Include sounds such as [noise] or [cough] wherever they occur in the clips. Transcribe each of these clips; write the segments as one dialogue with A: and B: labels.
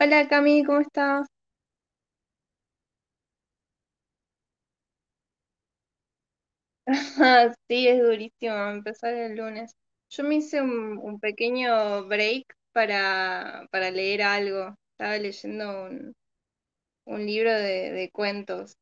A: Hola Cami, ¿cómo estás? [laughs] Sí, es durísimo empezar el lunes. Yo me hice un pequeño break para leer algo. Estaba leyendo un libro de cuentos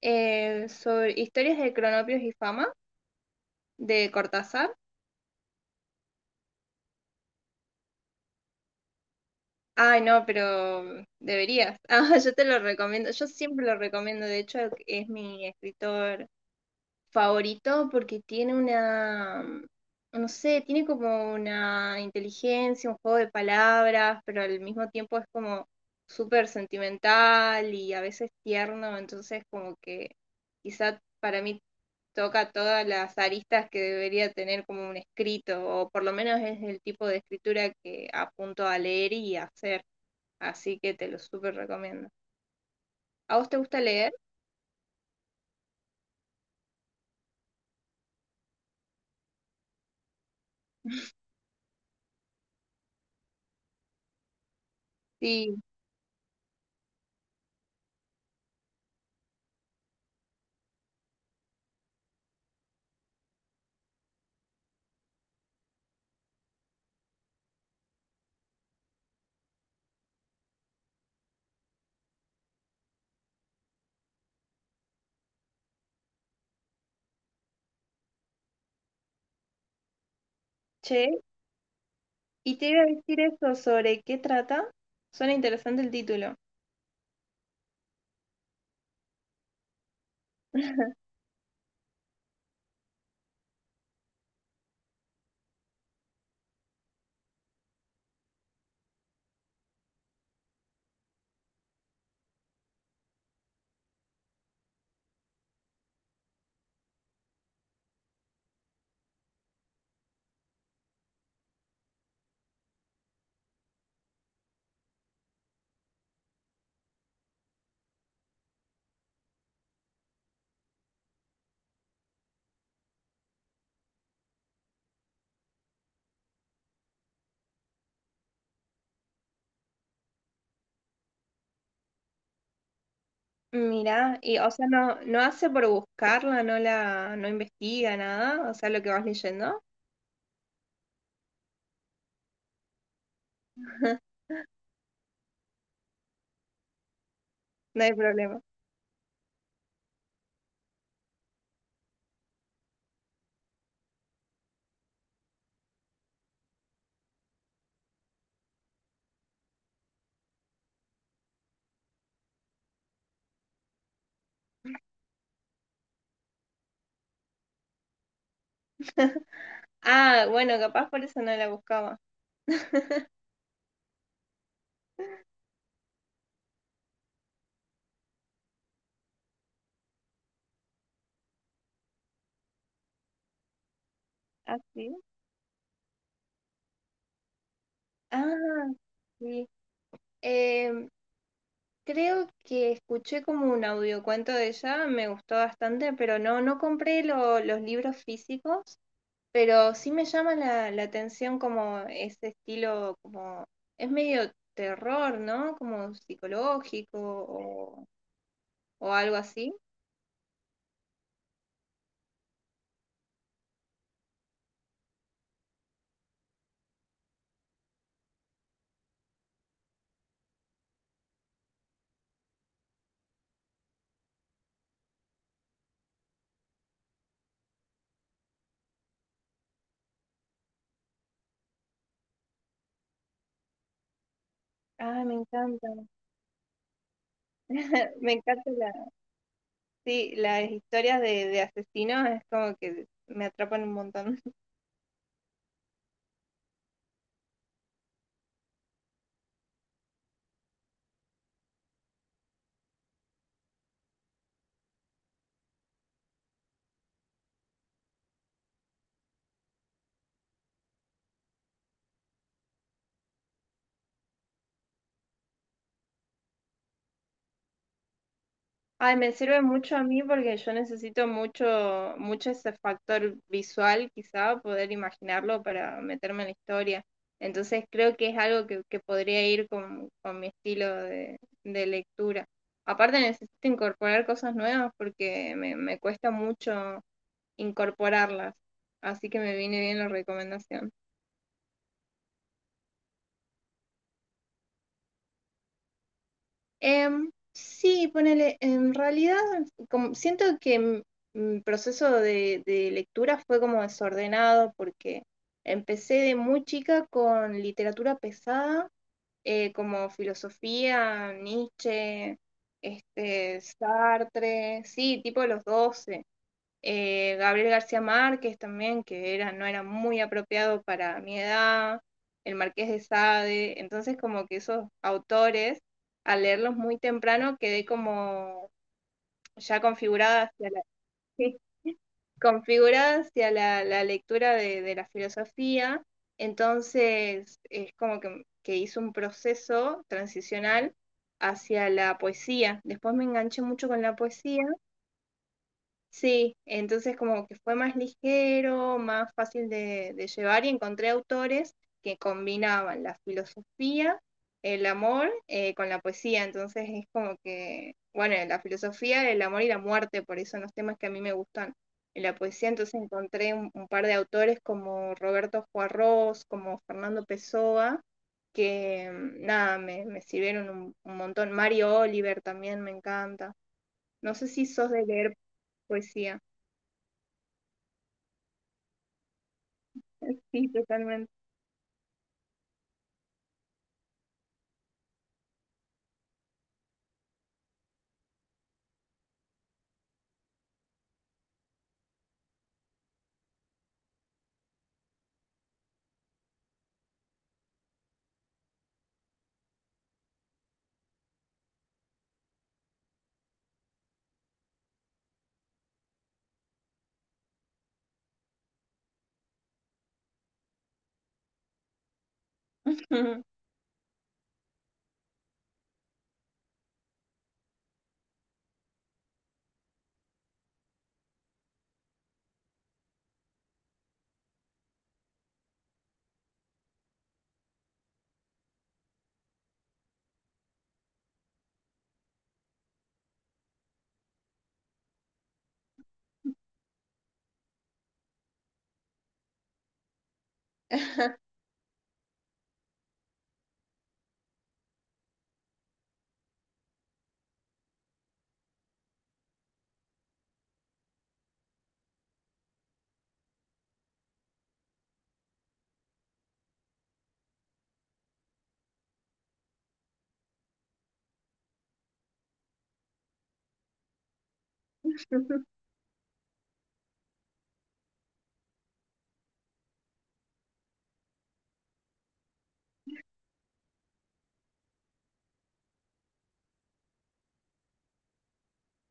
A: sobre historias de Cronopios y Fama de Cortázar. Ay, no, pero deberías. [laughs] Ah, yo te lo recomiendo. Yo siempre lo recomiendo. De hecho, es mi escritor favorito porque tiene una, no sé, tiene como una inteligencia, un juego de palabras, pero al mismo tiempo es como súper sentimental y a veces tierno, entonces como que quizá para mí toca todas las aristas que debería tener como un escrito, o por lo menos es el tipo de escritura que apunto a leer y a hacer, así que te lo súper recomiendo. ¿A vos te gusta leer? Sí. Che, y te iba a decir eso sobre qué trata. Suena interesante el título. Mirá, y o sea, no, no hace por buscarla, no la, no investiga nada, o sea, lo que vas leyendo, no hay problema. [laughs] Ah, bueno, capaz por eso no la buscaba. Ah, sí. Ah, sí. Em, Creo que escuché como un audiocuento de ella, me gustó bastante, pero no, no compré los libros físicos. Pero sí me llama la, la atención como ese estilo, como es medio terror, ¿no? Como psicológico o algo así. Ah, me encanta. [laughs] Me encanta la, sí, las historias de asesinos, es como que me atrapan un montón. Ay, me sirve mucho a mí porque yo necesito mucho ese factor visual, quizá, poder imaginarlo para meterme en la historia. Entonces creo que es algo que podría ir con mi estilo de lectura. Aparte necesito incorporar cosas nuevas porque me cuesta mucho incorporarlas. Así que me viene bien la recomendación. Sí, ponele, en realidad siento que mi proceso de lectura fue como desordenado porque empecé de muy chica con literatura pesada, como filosofía, Nietzsche, este, Sartre, sí, tipo los 12. Gabriel García Márquez también, que era, no era muy apropiado para mi edad, el Marqués de Sade, entonces como que esos autores, al leerlos muy temprano, quedé como ya configurada hacia la, [laughs] sí, configurada hacia la, la lectura la filosofía, entonces es como que hice un proceso transicional hacia la poesía. Después me enganché mucho con la poesía. Sí, entonces como que fue más ligero, más fácil de llevar y encontré autores que combinaban la filosofía, el amor con la poesía. Entonces es como que, bueno, la filosofía, el amor y la muerte, por eso son los temas que a mí me gustan en la poesía. Entonces encontré un par de autores como Roberto Juarros, como Fernando Pessoa, que nada, me sirvieron un montón. Mario Oliver también me encanta. No sé si sos de leer poesía. Sí, totalmente. [laughs]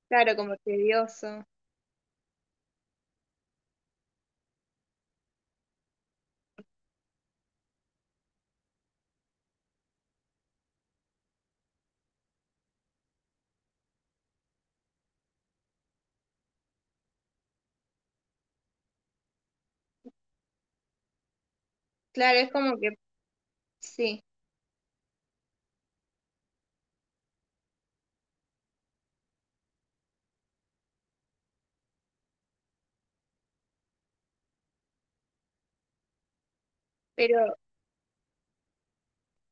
A: Claro, como tedioso. Claro, es como que sí, pero,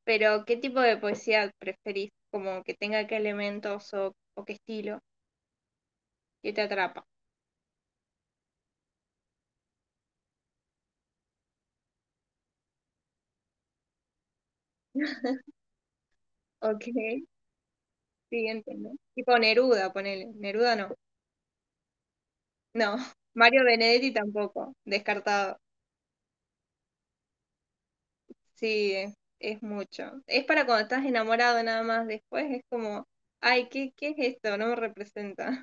A: pero ¿qué tipo de poesía preferís? Como que tenga qué elementos o qué estilo que te atrapa. [laughs] Ok, siguiente, ¿no? Tipo Neruda, ponele. Neruda no. No, [laughs] Mario Benedetti tampoco, descartado. Sí, es mucho. Es para cuando estás enamorado nada más, después es como, ay, ¿qué, qué es esto? No me representa.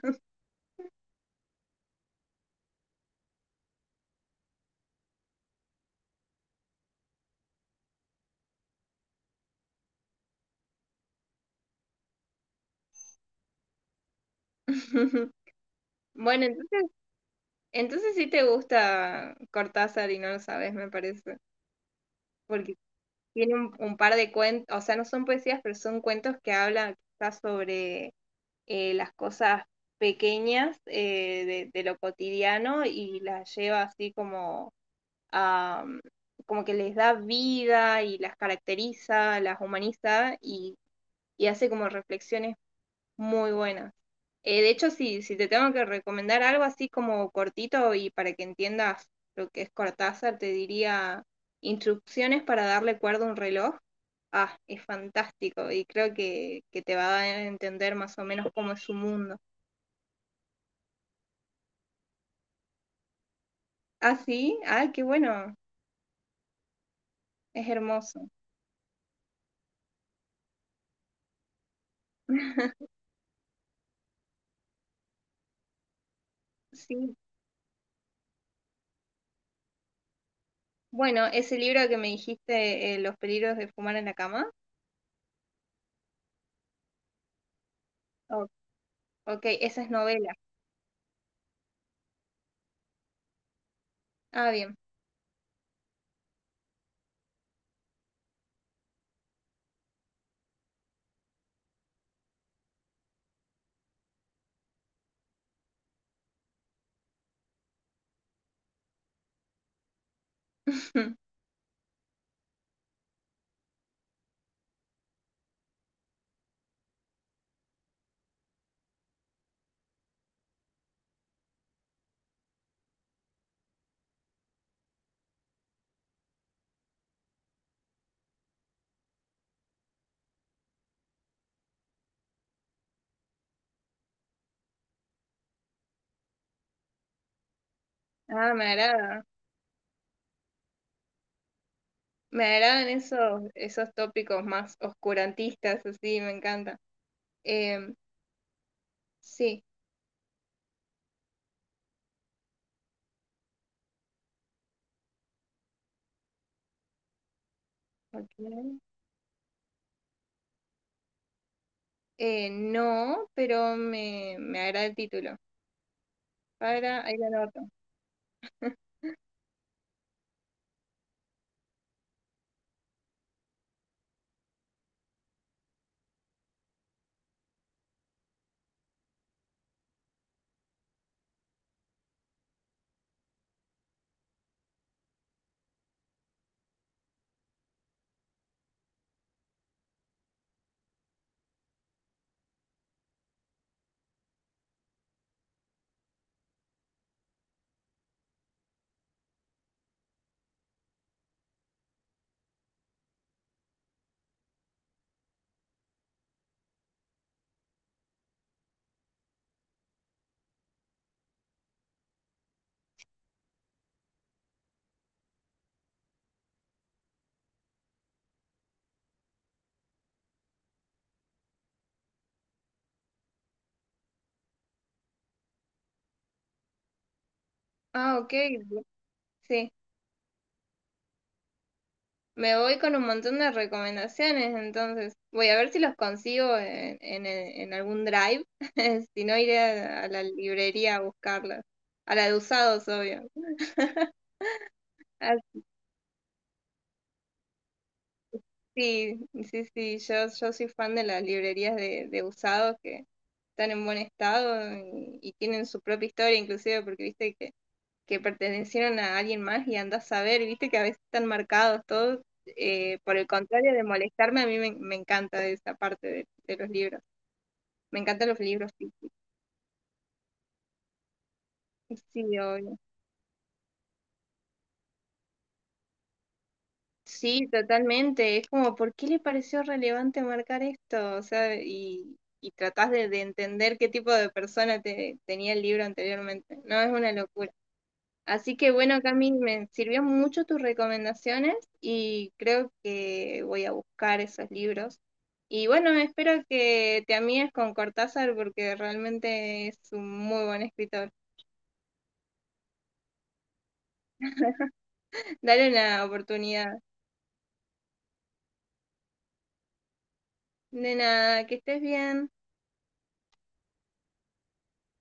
A: [laughs] Bueno, entonces entonces sí te gusta Cortázar y no lo sabes, me parece, porque tiene un par de cuentos, o sea, no son poesías, pero son cuentos que hablan quizás sobre las cosas pequeñas de lo cotidiano y las lleva así como a, mm, como que les da vida y las caracteriza, las humaniza y hace como reflexiones muy buenas. De hecho, sí, si te tengo que recomendar algo así como cortito y para que entiendas lo que es Cortázar, te diría instrucciones para darle cuerda a un reloj. Ah, es fantástico y creo que te va a dar a entender más o menos cómo es su mundo. Ah, sí, ah, qué bueno, es hermoso. [laughs] Sí, bueno, ese libro que me dijiste, Los peligros de fumar en la cama. Oh, ok, esa es novela. Ah, bien. [laughs] Ah, me agrada. Me agradan esos, esos tópicos más oscurantistas, así, me encanta. Em, sí, ok. No, pero me agrada el título. Para, ahí lo anoto. [laughs] Ah, ok, sí. Me voy con un montón de recomendaciones, entonces voy a ver si los consigo en algún drive, [laughs] si no iré a la librería a buscarlas, a la de usados, obvio. Sí, sí, sí, yo soy fan de las librerías de usados que están en buen estado y tienen su propia historia, inclusive porque viste que pertenecieron a alguien más y andás a ver, viste que a veces están marcados todos, por el contrario de molestarme, a mí me, me encanta esa parte de los libros. Me encantan los libros físicos. Sí, obvio. Sí, totalmente. Es como, ¿por qué le pareció relevante marcar esto? O sea, y tratás de entender qué tipo de persona te, tenía el libro anteriormente. No, es una locura. Así que bueno, Cami, me sirvió mucho tus recomendaciones y creo que voy a buscar esos libros. Y bueno, espero que te amigues con Cortázar porque realmente es un muy buen escritor. Dale una oportunidad. De nada, que estés bien.